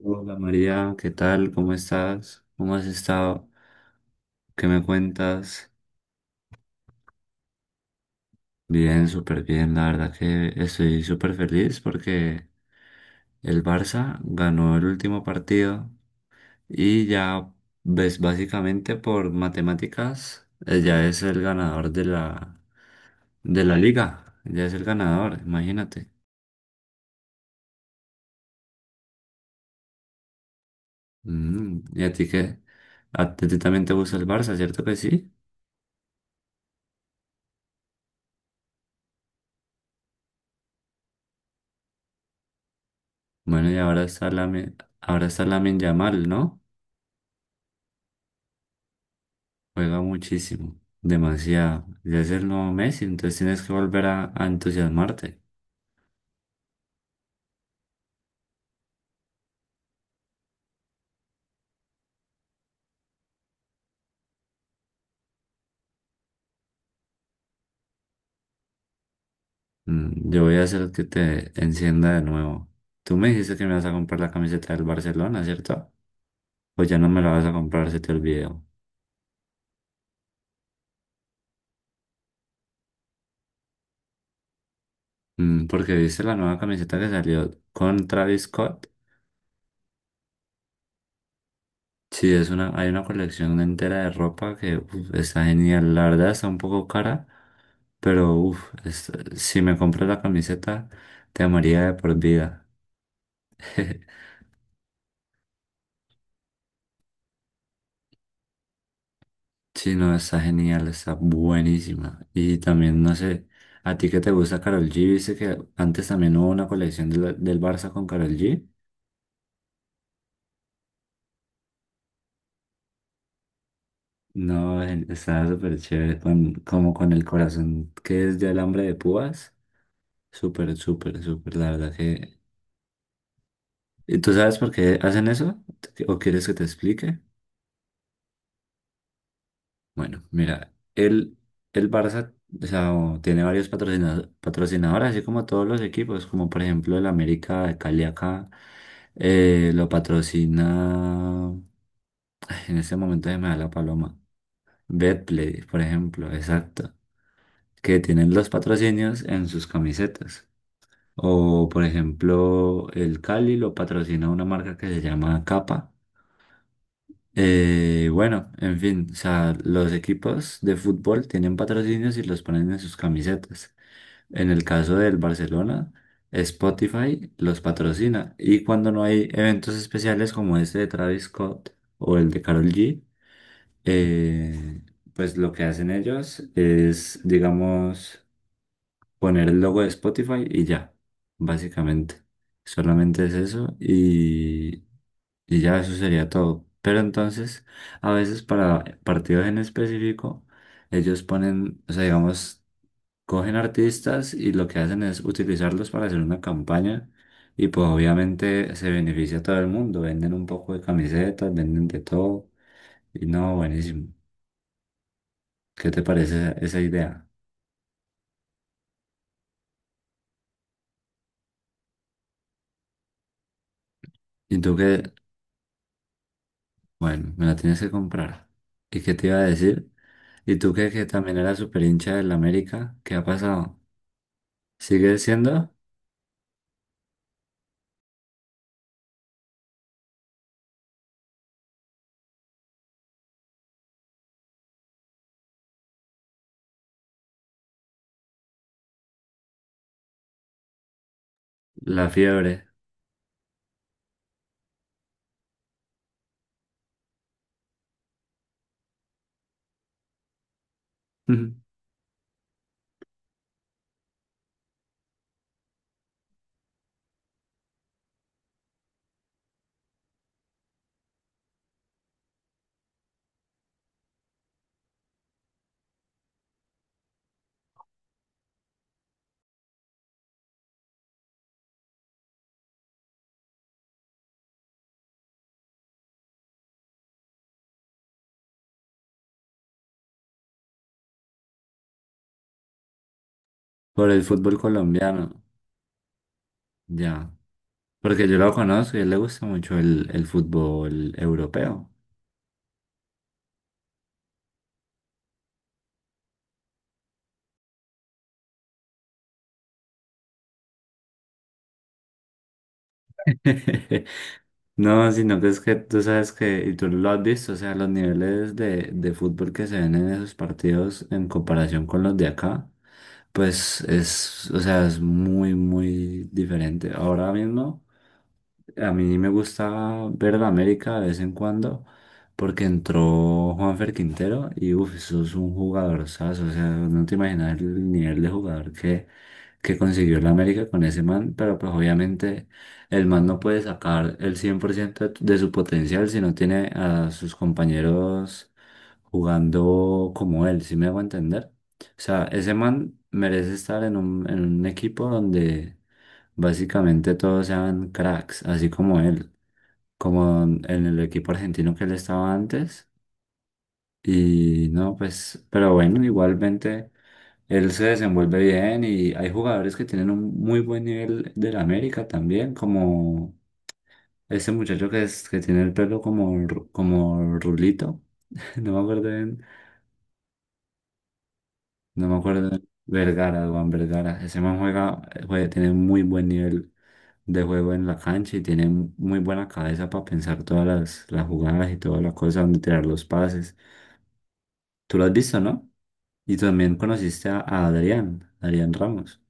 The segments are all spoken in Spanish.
Hola María, ¿qué tal? ¿Cómo estás? ¿Cómo has estado? ¿Qué me cuentas? Bien, súper bien. La verdad que estoy súper feliz porque el Barça ganó el último partido y ya ves básicamente por matemáticas, ya es el ganador de la liga. Ya es el ganador, imagínate. Mm, ¿y a ti qué? ¿A ti también te gusta el Barça, cierto que sí? Bueno, ahora está Lamine Yamal, ¿no? Juega muchísimo, demasiado. Ya es el nuevo Messi, entonces tienes que volver a entusiasmarte. Mm, yo voy a hacer que te encienda de nuevo. Tú me dijiste que me vas a comprar la camiseta del Barcelona, ¿cierto? Pues ya no me la vas a comprar, se te olvidó. Mm, porque viste la nueva camiseta que salió con Travis Scott. Sí, hay una colección entera de ropa que uf, está genial. La verdad está un poco cara, pero uf, si me compras la camiseta, te amaría de por vida. Sí, no, está genial, está buenísima. Y también, no sé, a ti que te gusta Karol G, viste que antes también hubo una colección del Barça con Karol G. No, estaba súper chévere, con, como con el corazón que es de alambre de púas. Súper, súper, súper, la verdad que... ¿Y tú sabes por qué hacen eso? ¿O quieres que te explique? Bueno, mira, el Barça o sea, o tiene varios patrocinadores, así como todos los equipos, como por ejemplo el América de Cali acá, lo patrocina, ay, en este momento se me da la paloma, Betplay, por ejemplo, exacto, que tienen los patrocinios en sus camisetas. O por ejemplo, el Cali lo patrocina una marca que se llama Capa. Bueno, en fin, o sea, los equipos de fútbol tienen patrocinios y los ponen en sus camisetas. En el caso del Barcelona, Spotify los patrocina. Y cuando no hay eventos especiales como este de Travis Scott o el de Karol G, eh, pues lo que hacen ellos es, digamos, poner el logo de Spotify y ya, básicamente. Solamente es eso y ya eso sería todo. Pero entonces, a veces para partidos en específico, ellos ponen, o sea, digamos, cogen artistas y lo que hacen es utilizarlos para hacer una campaña y pues obviamente se beneficia a todo el mundo. Venden un poco de camisetas, venden de todo. Y no, buenísimo. ¿Qué te parece esa idea? Y tú que, bueno, me la tienes que comprar. ¿Y qué te iba a decir? ¿Y tú que también eras súper hincha del América? ¿Qué ha pasado? ¿Sigue siendo? La fiebre. Ujú. Por el fútbol colombiano, ya. Porque yo lo conozco y a él le gusta mucho el fútbol europeo. No, sino que es que tú sabes que, y tú lo has visto, o sea, los niveles de fútbol que se ven en esos partidos en comparación con los de acá. Pues es, o sea, es muy, muy diferente. Ahora mismo, a mí me gusta ver la América de vez en cuando, porque entró Juanfer Quintero y uff, eso es un jugadorazo. O sea, no te imaginas el nivel de que consiguió la América con ese man, pero pues obviamente el man no puede sacar el 100% de su potencial si no tiene a sus compañeros jugando como él, ¿si me hago entender? O sea, ese man merece estar en en un equipo donde básicamente todos sean cracks, así como él, como en el equipo argentino que él estaba antes. Y no, pues, pero bueno, igualmente él se desenvuelve bien y hay jugadores que tienen un muy buen nivel del América también, como ese muchacho que tiene el pelo como, como rulito, no me acuerdo bien. No me acuerdo. Vergara, Duan Vergara. Ese man juega, tiene muy buen nivel de juego en la cancha y tiene muy buena cabeza para pensar todas las jugadas y todas las cosas, donde tirar los pases. Tú lo has visto, ¿no? Y también conociste a Adrián, Adrián Ramos.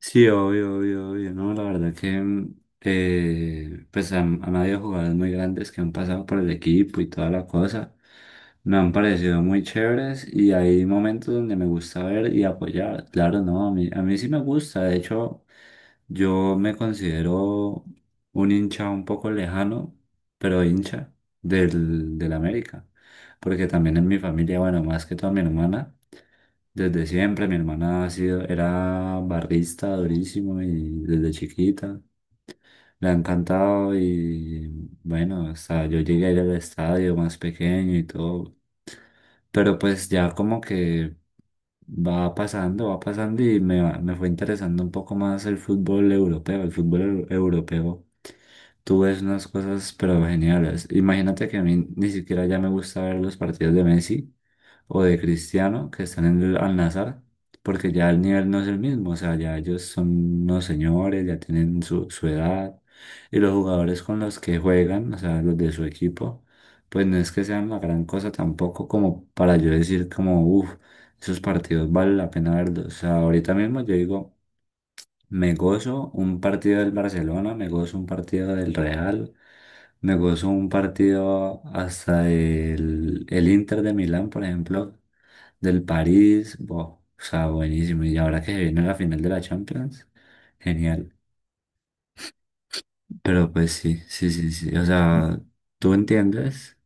Sí, obvio, obvio, obvio. No, la verdad que pues han habido jugadores muy grandes que han pasado por el equipo y toda la cosa. Me han parecido muy chéveres y hay momentos donde me gusta ver y apoyar. Claro, no, a mí sí me gusta. De hecho, yo me considero un hincha un poco lejano, pero hincha del América. Porque también en mi familia, bueno, más que toda mi hermana. Desde siempre mi hermana ha sido, era barrista durísimo y desde chiquita le ha encantado y bueno, hasta yo llegué a ir al estadio más pequeño y todo. Pero pues ya como que va pasando me fue interesando un poco más el fútbol europeo, el europeo. Tú ves unas cosas pero geniales. Imagínate que a mí ni siquiera ya me gusta ver los partidos de Messi o de Cristiano que están en el Al-Nassr, porque ya el nivel no es el mismo, o sea, ya ellos son unos señores, ya tienen su edad, y los jugadores con los que juegan, o sea, los de su equipo, pues no es que sean la gran cosa tampoco como para yo decir como, uff, esos partidos vale la pena verlos, o sea, ahorita mismo yo digo, me gozo un partido del Barcelona, me gozo un partido del Real. Me gozo un partido hasta el Inter de Milán, por ejemplo, del París, wow, o sea, buenísimo. Y ahora que se viene la final de la Champions, genial. Pero pues sí, sí, sí, sí. O sea, ¿tú entiendes?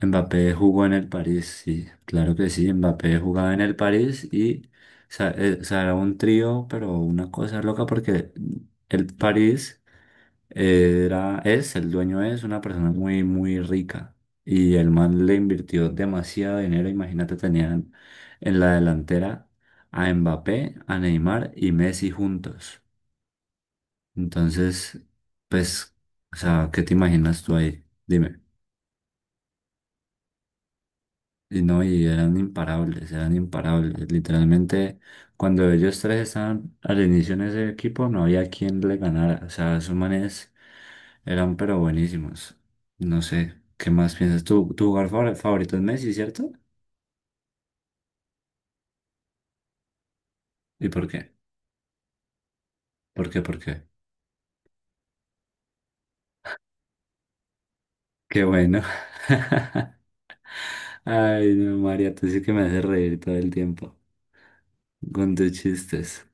Mbappé jugó en el París, sí, claro que sí. Mbappé jugaba en el París o sea, era un trío, pero una cosa loca porque el París era, es, el dueño es una persona muy, muy rica y el man le invirtió demasiado dinero. Imagínate, tenían en la delantera a Mbappé, a Neymar y Messi juntos. Entonces, pues, o sea, ¿qué te imaginas tú ahí? Dime. Y no, y eran imparables, eran imparables. Literalmente, cuando ellos tres estaban al inicio en ese equipo, no había quien le ganara. O sea, esos manes eran pero buenísimos. No sé, ¿qué más piensas tú? ¿Tu jugador favorito es Messi, cierto? ¿Y por qué? ¿Por qué? ¿Por qué? Qué bueno. Ay, no, María, tú sí que me haces reír todo el tiempo con tus chistes.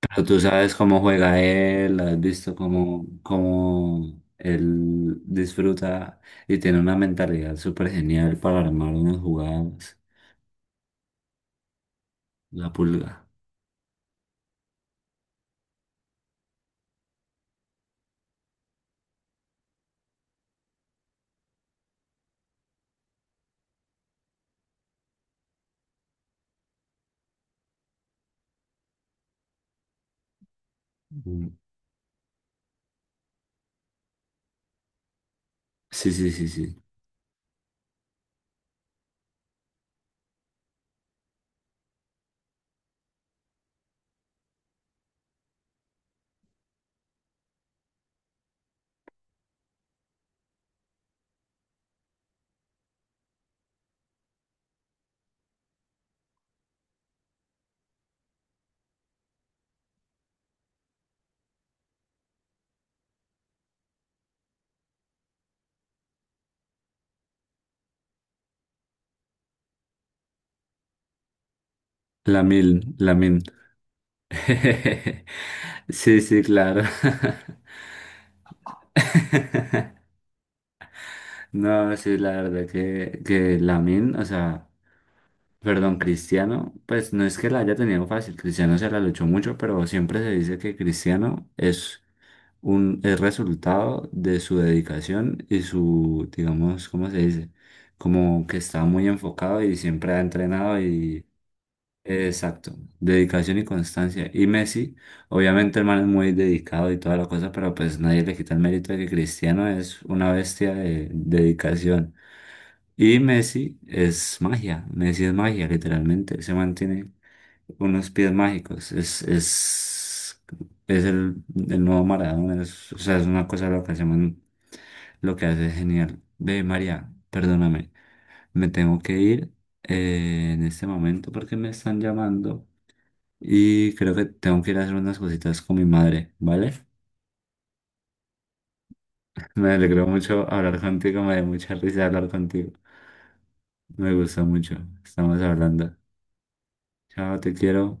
Pero tú sabes cómo juega él, has visto cómo, cómo él disfruta y tiene una mentalidad súper genial para armar unas jugadas. La pulga. Mm. Sí, sí, sí, sí. La mil, la min. Sí, sí, claro. No, sí, la verdad que Lamin, o sea, perdón, Cristiano, pues no es que la haya tenido fácil, Cristiano se la luchó mucho, pero siempre se dice que Cristiano es un, es resultado de su dedicación y su, digamos, ¿cómo se dice? Como que está muy enfocado y siempre ha entrenado y... Exacto, dedicación y constancia. Y Messi, obviamente el man es muy dedicado y toda la cosa, pero pues nadie le quita el mérito de que Cristiano es una bestia de dedicación. Y Messi es magia, literalmente. Se mantiene unos pies mágicos. Es el nuevo Maradona. O sea, es una cosa loca. Ese man lo que hace es genial. Ve, María, perdóname. Me tengo que ir en este momento porque me están llamando. Y creo que tengo que ir a hacer unas cositas con mi madre, ¿vale? Me alegró mucho hablar contigo, me dio mucha risa hablar contigo. Me gustó mucho. Estamos hablando. Chao, te quiero.